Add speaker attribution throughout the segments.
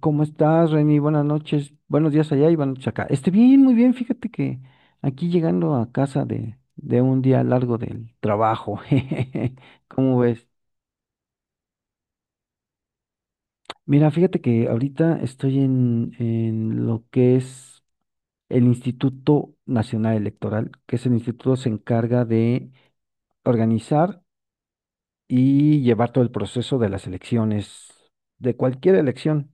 Speaker 1: ¿Cómo estás, Reni? Buenas noches, buenos días allá y buenas noches acá. Estoy bien, muy bien. Fíjate que aquí llegando a casa de un día largo del trabajo. Jejeje. ¿Cómo ves? Mira, fíjate que ahorita estoy en lo que es el Instituto Nacional Electoral, que es el instituto que se encarga de organizar y llevar todo el proceso de las elecciones, de cualquier elección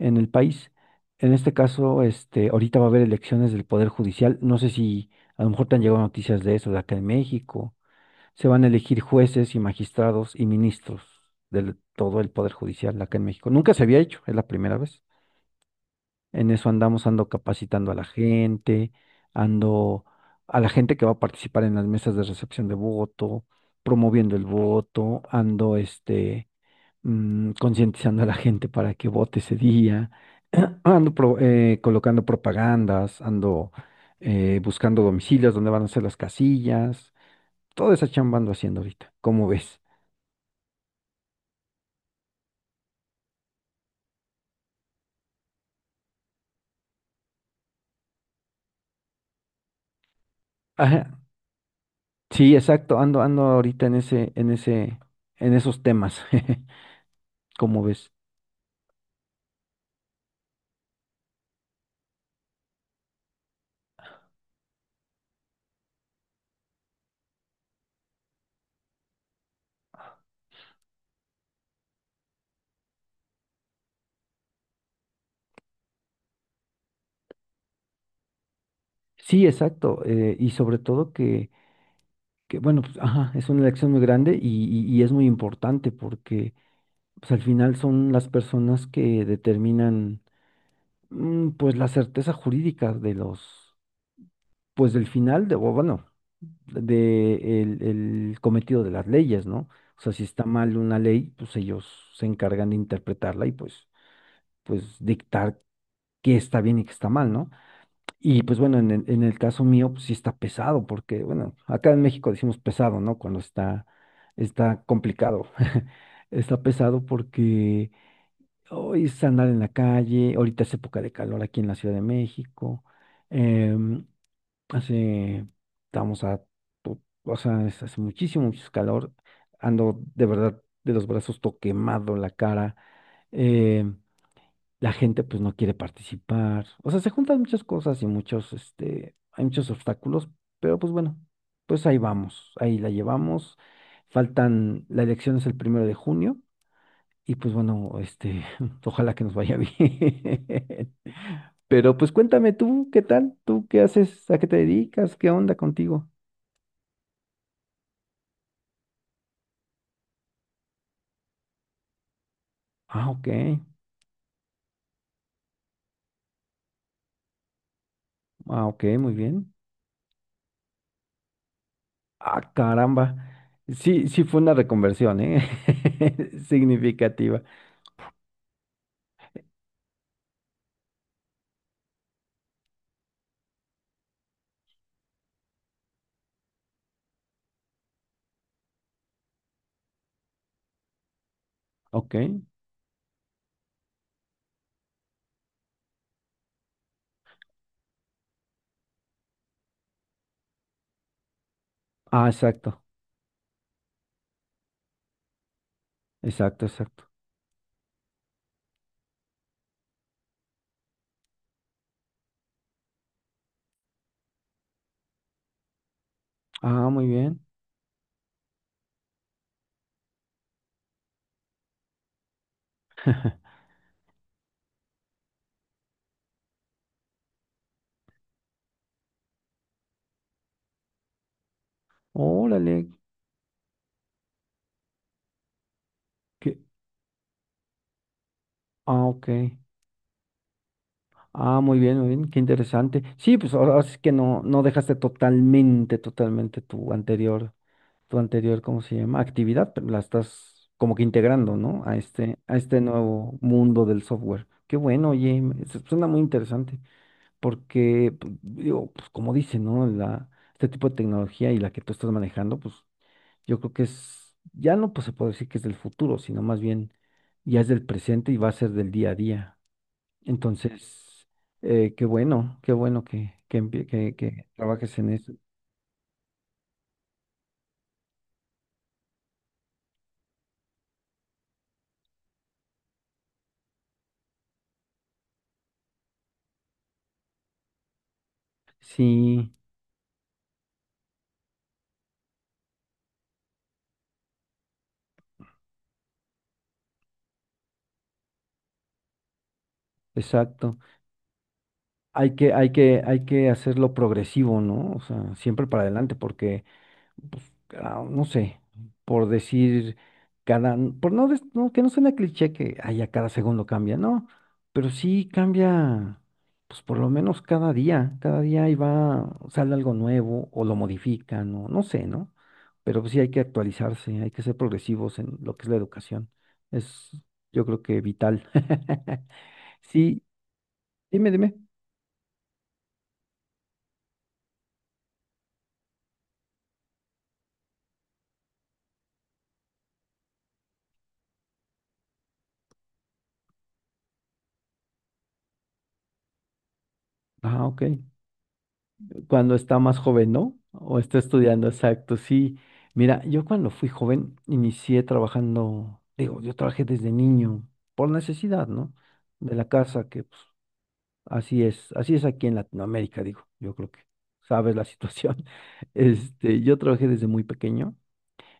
Speaker 1: en el país. En este caso, este, ahorita va a haber elecciones del Poder Judicial. No sé si a lo mejor te han llegado noticias de eso, de acá en México. Se van a elegir jueces y magistrados y ministros de todo el Poder Judicial acá en México. Nunca se había hecho, es la primera vez. En eso andamos, ando capacitando a la gente, ando a la gente que va a participar en las mesas de recepción de voto, promoviendo el voto, ando este concientizando a la gente para que vote ese día. Ando colocando propagandas, ando buscando domicilios donde van a ser las casillas. Toda esa chamba ando haciendo ahorita, ¿cómo ves? Ajá, sí, exacto, ando ahorita en esos temas. ¿Cómo ves? Sí, exacto, y sobre todo que bueno, pues, ajá, es una elección muy grande y, y es muy importante porque pues, al final son las personas que determinan, pues, la certeza jurídica de los, pues del final, de, o bueno, de el cometido de las leyes, ¿no? O sea, si está mal una ley, pues ellos se encargan de interpretarla y pues dictar qué está bien y qué está mal, ¿no? Y pues bueno, en el caso mío, pues sí está pesado, porque bueno, acá en México decimos pesado, ¿no? Cuando está complicado. Está pesado porque hoy es andar en la calle, ahorita es época de calor aquí en la Ciudad de México. Em, hace, estamos a, to- o sea, es- Hace muchísimo, mucho calor. Ando de verdad de los brazos todo quemado, la cara. em, la gente pues no quiere participar. O sea, se juntan muchas cosas y muchos, este, hay muchos obstáculos, pero pues bueno, pues ahí vamos, ahí la llevamos. La elección es el 1 de junio. Y pues bueno, este, ojalá que nos vaya bien. Pero pues cuéntame tú, ¿qué tal? ¿Tú qué haces? ¿A qué te dedicas? ¿Qué onda contigo? Ah, ok. Ah, ok, muy bien. Ah, caramba. Sí, sí fue una reconversión, ¿eh? Significativa. Ok. Ah, exacto. Exacto, exacto. Ah, muy bien. Órale. que- Ah, ok. Ah, muy bien, qué interesante. Sí, pues ahora sí que no dejaste totalmente, tu anterior, ¿cómo se llama? Actividad, pero la estás como que integrando, ¿no? A este nuevo mundo del software. Qué bueno, oye, suena muy interesante, porque, pues, digo, pues como dice, ¿no? Este tipo de tecnología y la que tú estás manejando, pues yo creo que es, ya no pues se puede decir que es del futuro, sino más bien ya es del presente y va a ser del día a día. Entonces, qué bueno que trabajes en eso. Sí, exacto. Hay que hacerlo progresivo, ¿no? O sea, siempre para adelante, porque pues, no sé, por decir cada, por no, des- no, que no suena cliché que ay, a cada segundo cambia, no, pero sí cambia, pues por lo menos cada día ahí va, sale algo nuevo o lo modifican o no sé, ¿no? Pero pues, sí hay que actualizarse, hay que ser progresivos en lo que es la educación. Es, yo creo que vital. Sí, dime, dime. Ah, ok. Cuando está más joven, ¿no? O está estudiando, exacto, sí. Mira, yo cuando fui joven inicié trabajando, digo, yo trabajé desde niño por necesidad, ¿no? De la casa, que pues, así es aquí en Latinoamérica, digo, yo creo que sabes la situación. Este, yo trabajé desde muy pequeño,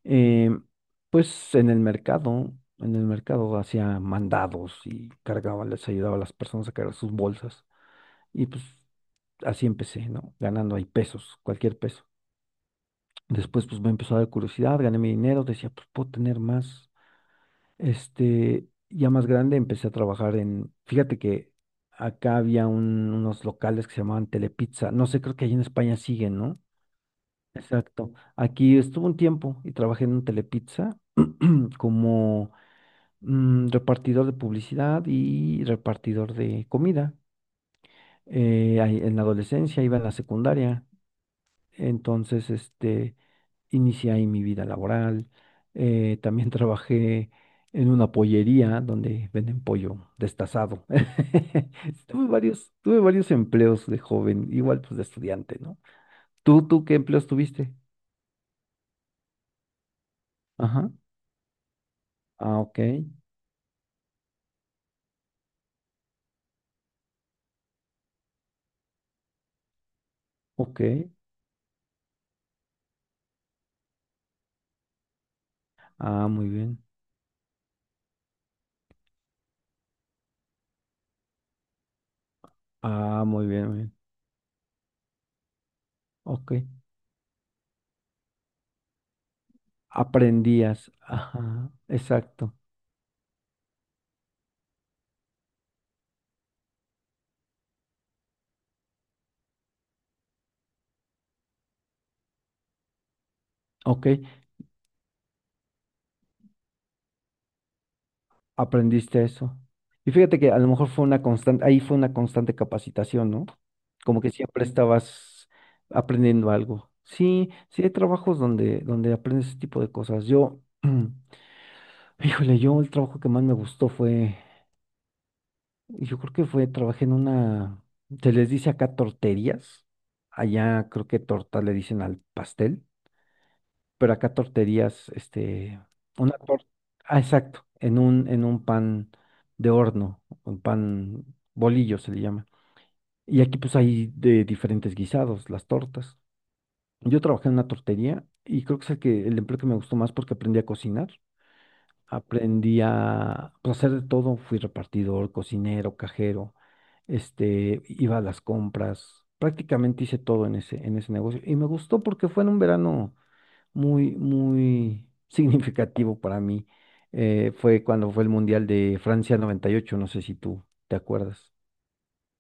Speaker 1: eh, pues en el mercado hacía mandados y cargaba, les ayudaba a las personas a cargar sus bolsas y pues así empecé, ¿no? Ganando ahí pesos, cualquier peso. Después, pues me empezó a dar curiosidad, gané mi dinero, decía, pues puedo tener más. Este, ya más grande, empecé a trabajar en, fíjate que acá había unos locales que se llamaban Telepizza. No sé, creo que allí en España siguen, ¿no? Exacto. Aquí estuve un tiempo y trabajé en un Telepizza como repartidor de publicidad y repartidor de comida. Ahí en la adolescencia, iba en la secundaria. Entonces, este, inicié ahí mi vida laboral. También trabajé en una pollería donde venden pollo destazado. Tuve varios empleos de joven, igual pues de estudiante, ¿no? ¿Tú ¿qué empleos tuviste? Ajá. Ah, ok, ok. Ah, muy bien. Ah, muy bien, muy bien. Ok. Aprendías. Ajá, exacto. Ok. Aprendiste eso. Y fíjate que a lo mejor fue una constante, ahí fue una constante capacitación, ¿no? Como que siempre estabas aprendiendo algo. Sí, sí hay trabajos donde, donde aprendes ese tipo de cosas. Yo, híjole, yo el trabajo que más me gustó fue, yo creo que fue, trabajé en una, se les dice acá torterías, allá creo que torta le dicen al pastel, pero acá torterías, este, una torta, ah, exacto, en un pan de horno, un pan bolillo se le llama. Y aquí pues hay de diferentes guisados, las tortas. Yo trabajé en una tortería y creo que es el que, el empleo que me gustó más porque aprendí a cocinar, aprendí a, pues, hacer de todo, fui repartidor, cocinero, cajero, este, iba a las compras, prácticamente hice todo en ese negocio, y me gustó porque fue en un verano muy, muy significativo para mí. Fue cuando fue el Mundial de Francia 98, no sé si tú te acuerdas.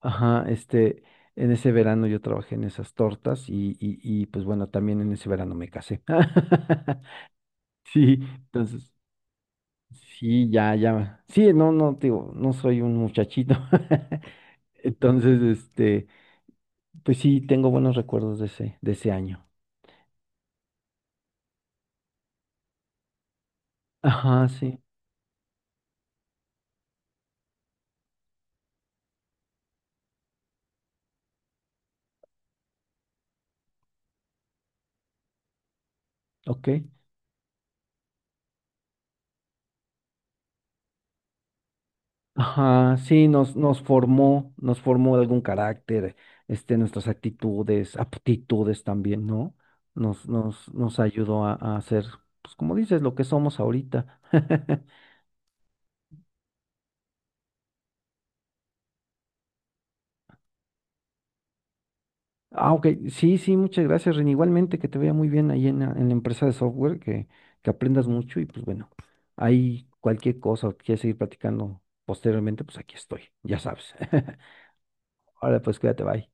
Speaker 1: Ajá, este, en ese verano yo trabajé en esas tortas, y pues bueno, también en ese verano me casé. Sí, entonces, sí, ya, ya. Sí, no, no, te digo, no soy un muchachito. Entonces, este, pues sí, tengo buenos recuerdos de ese, año. Ajá, sí, ok. Ajá, sí, nos formó algún carácter, este, nuestras actitudes, aptitudes también, ¿no? Nos ayudó a ser, pues como dices, lo que somos ahorita. Ah, ok, sí, sí, muchas gracias, Ren. Igualmente, que te vaya muy bien ahí en la, empresa de software, que aprendas mucho, y pues bueno, ahí cualquier cosa o quieres seguir platicando posteriormente, pues aquí estoy, ya sabes. Ahora pues cuídate, bye.